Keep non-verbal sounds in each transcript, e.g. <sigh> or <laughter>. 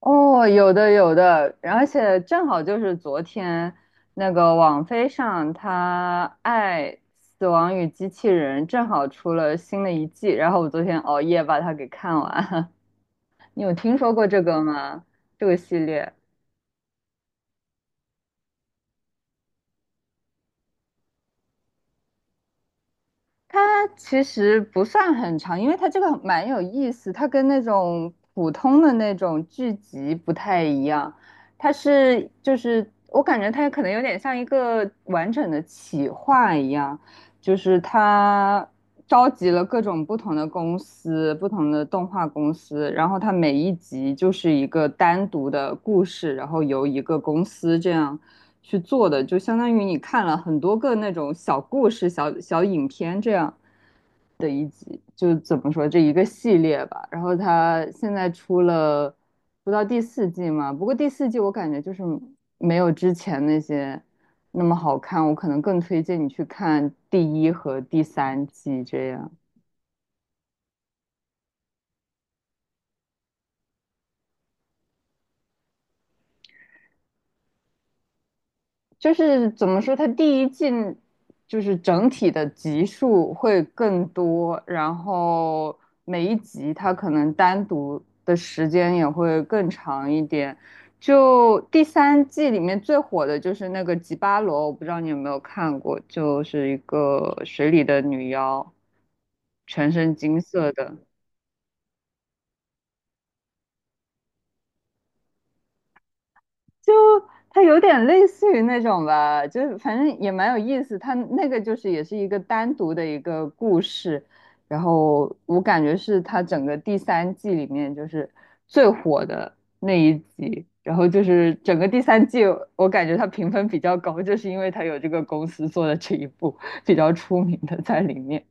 哦，有的有的，而且正好就是昨天那个网飞上，它《爱死亡与机器人》正好出了新的一季，然后我昨天熬夜把它给看完了。<laughs> 你有听说过这个吗？这个系列？它其实不算很长，因为它这个蛮有意思，它跟那种普通的那种剧集不太一样，它是就是我感觉它可能有点像一个完整的企划一样，就是它召集了各种不同的公司、不同的动画公司，然后它每一集就是一个单独的故事，然后由一个公司这样去做的，就相当于你看了很多个那种小故事、小小影片这样的一集，就怎么说这一个系列吧。然后它现在出了不到第四季嘛，不过第四季我感觉就是没有之前那些那么好看，我可能更推荐你去看第一和第三季。这样就是怎么说，它第一季就是整体的集数会更多，然后每一集它可能单独的时间也会更长一点。就第三季里面最火的就是那个吉巴罗，我不知道你有没有看过，就是一个水里的女妖，全身金色的。就它有点类似于那种吧，就是反正也蛮有意思。它那个就是也是一个单独的一个故事，然后我感觉是它整个第三季里面就是最火的那一集。然后就是整个第三季，我感觉它评分比较高，就是因为它有这个公司做的这一部比较出名的在里面。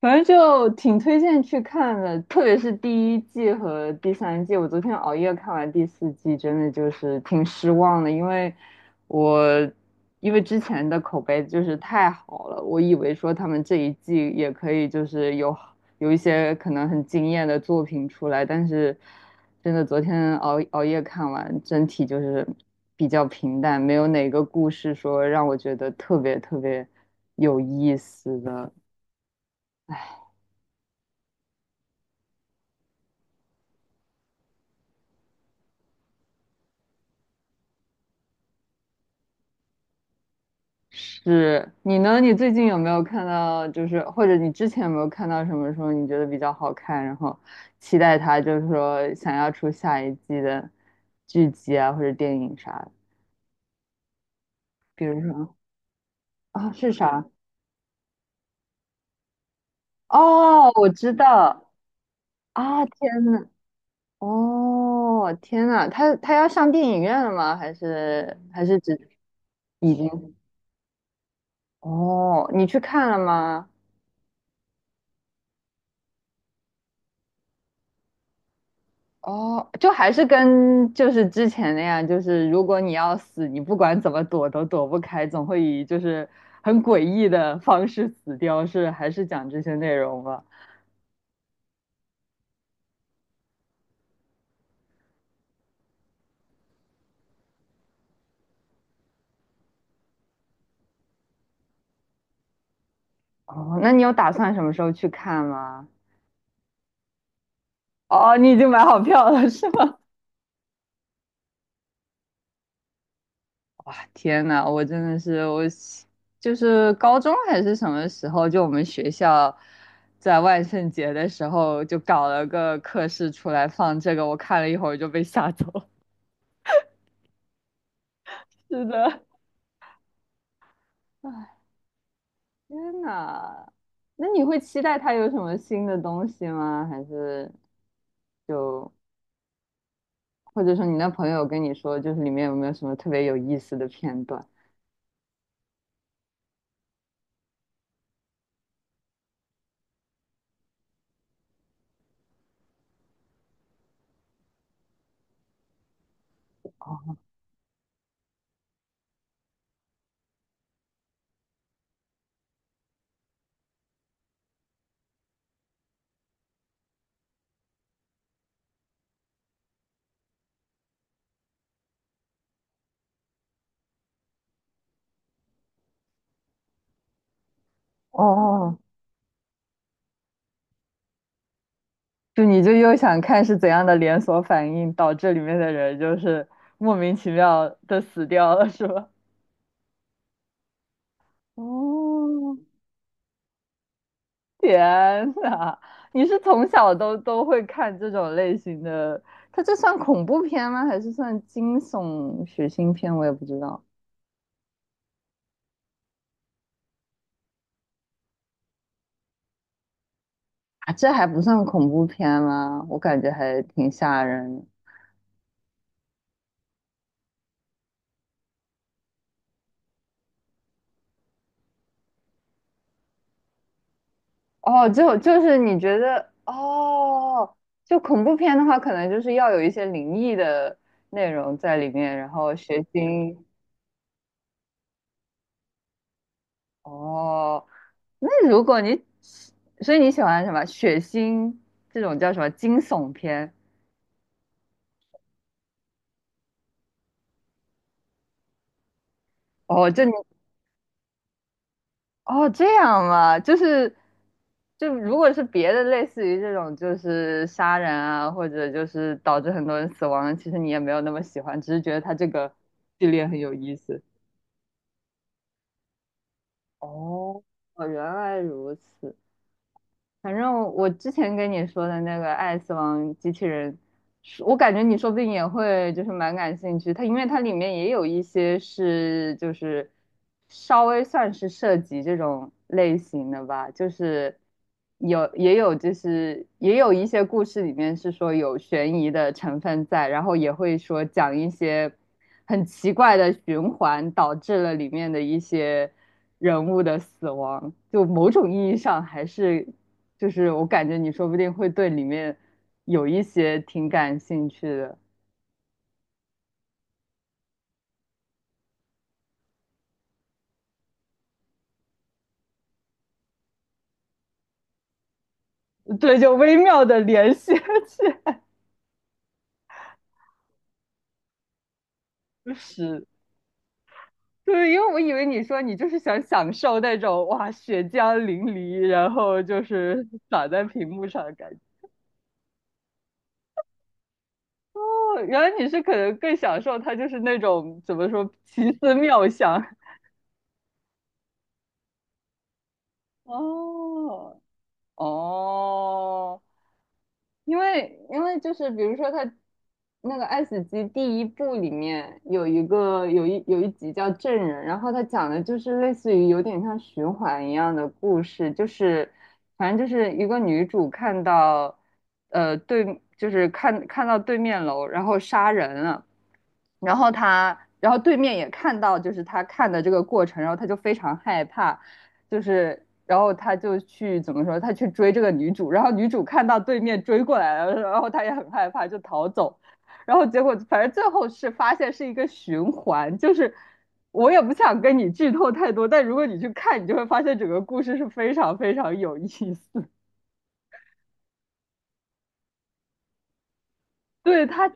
反正就挺推荐去看的，特别是第一季和第三季。我昨天熬夜看完第四季，真的就是挺失望的，因为我因为之前的口碑就是太好了，我以为说他们这一季也可以就是有一些可能很惊艳的作品出来，但是真的昨天熬夜看完，整体就是比较平淡，没有哪个故事说让我觉得特别特别有意思的。是你呢？你最近有没有看到，就是或者你之前有没有看到什么说你觉得比较好看，然后期待它，就是说想要出下一季的剧集啊或者电影啥的？比如说啊，是啥？哦，我知道啊！天呐，哦，天呐，他要上电影院了吗？还是还是只已经？哦，你去看了吗？哦，就还是跟就是之前那样，就是如果你要死，你不管怎么躲都躲不开，总会以就是很诡异的方式死掉，是还是讲这些内容吧？哦，那你有打算什么时候去看吗？哦，你已经买好票了是吗？<laughs> 哇，天呐，我真的是我喜，就是高中还是什么时候，就我们学校在万圣节的时候就搞了个课室出来放这个，我看了一会儿就被吓走。<laughs> 是的。<laughs> 天呐，那你会期待他有什么新的东西吗？还是就或者说你那朋友跟你说，就是里面有没有什么特别有意思的片段？哦哦，就你就又想看是怎样的连锁反应导致里面的人就是莫名其妙的死掉了，是吧？哦，天呐，你是从小都会看这种类型的？它这算恐怖片吗？还是算惊悚血腥片？我也不知道。啊，这还不算恐怖片吗？我感觉还挺吓人的哦，就就是你觉得哦，就恐怖片的话，可能就是要有一些灵异的内容在里面，然后血腥。哦，那如果你，所以你喜欢什么血腥这种叫什么惊悚片？哦，就你哦，这样啊，就是，就如果是别的，类似于这种，就是杀人啊，或者就是导致很多人死亡，其实你也没有那么喜欢，只是觉得它这个系列很有意思。哦，哦原来如此。反正我之前跟你说的那个《爱死亡机器人》，是我感觉你说不定也会就是蛮感兴趣。它因为它里面也有一些是就是稍微算是涉及这种类型的吧，就是有也有一些故事里面是说有悬疑的成分在，然后也会说讲一些很奇怪的循环导致了里面的一些人物的死亡，就某种意义上还是。就是我感觉你说不定会对里面有一些挺感兴趣的，对，就微妙的联系起来。<laughs> 是，对，因为我以为你说你就是想享受那种哇血浆淋漓，然后就是 <laughs> 洒在屏幕上的感觉。哦，原来你是可能更享受它就是那种怎么说奇思妙想哦。哦，因为因为就是比如说他那个《爱死机》第一部里面有一个有一集叫《证人》，然后他讲的就是类似于有点像循环一样的故事，就是反正就是一个女主看到对就是看到对面楼然后杀人了。然后他，然后对面也看到，就是他看的这个过程，然后他就非常害怕，就是，然后他就去怎么说，他去追这个女主，然后女主看到对面追过来了，然后他也很害怕，就逃走，然后结果反正最后是发现是一个循环，就是我也不想跟你剧透太多，但如果你去看，你就会发现整个故事是非常非常有意思。对他，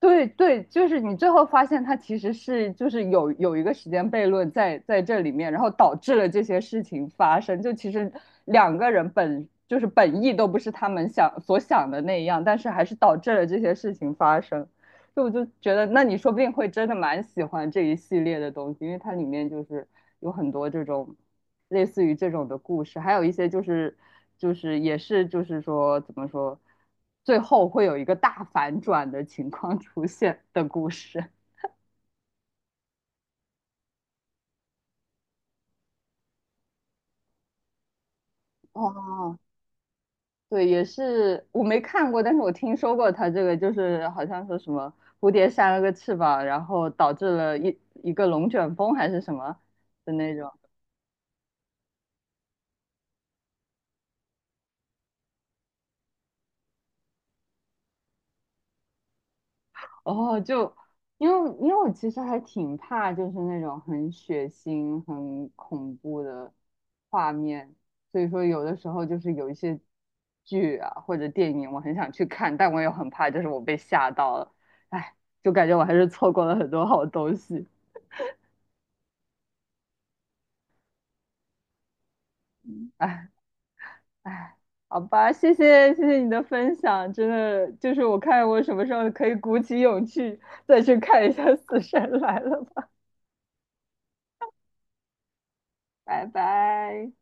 对对，就是你最后发现他其实是就是有一个时间悖论在这里面，然后导致了这些事情发生。就其实两个人本就是本意都不是他们想所想的那样，但是还是导致了这些事情发生。就我就觉得，那你说不定会真的蛮喜欢这一系列的东西，因为它里面就是有很多这种类似于这种的故事，还有一些就是就是也是就是说怎么说，最后会有一个大反转的情况出现的故事。哦，对，也是我没看过，但是我听说过他这个，就是好像说什么蝴蝶扇了个翅膀，然后导致了一个龙卷风还是什么的那种。哦，就因为因为我其实还挺怕，就是那种很血腥、很恐怖的画面，所以说有的时候就是有一些剧啊或者电影，我很想去看，但我也很怕，就是我被吓到了，哎，就感觉我还是错过了很多好东西，哎哎，好吧，谢谢你的分享，真的就是我看我什么时候可以鼓起勇气再去看一下《死神来了》吧，<laughs> 拜拜。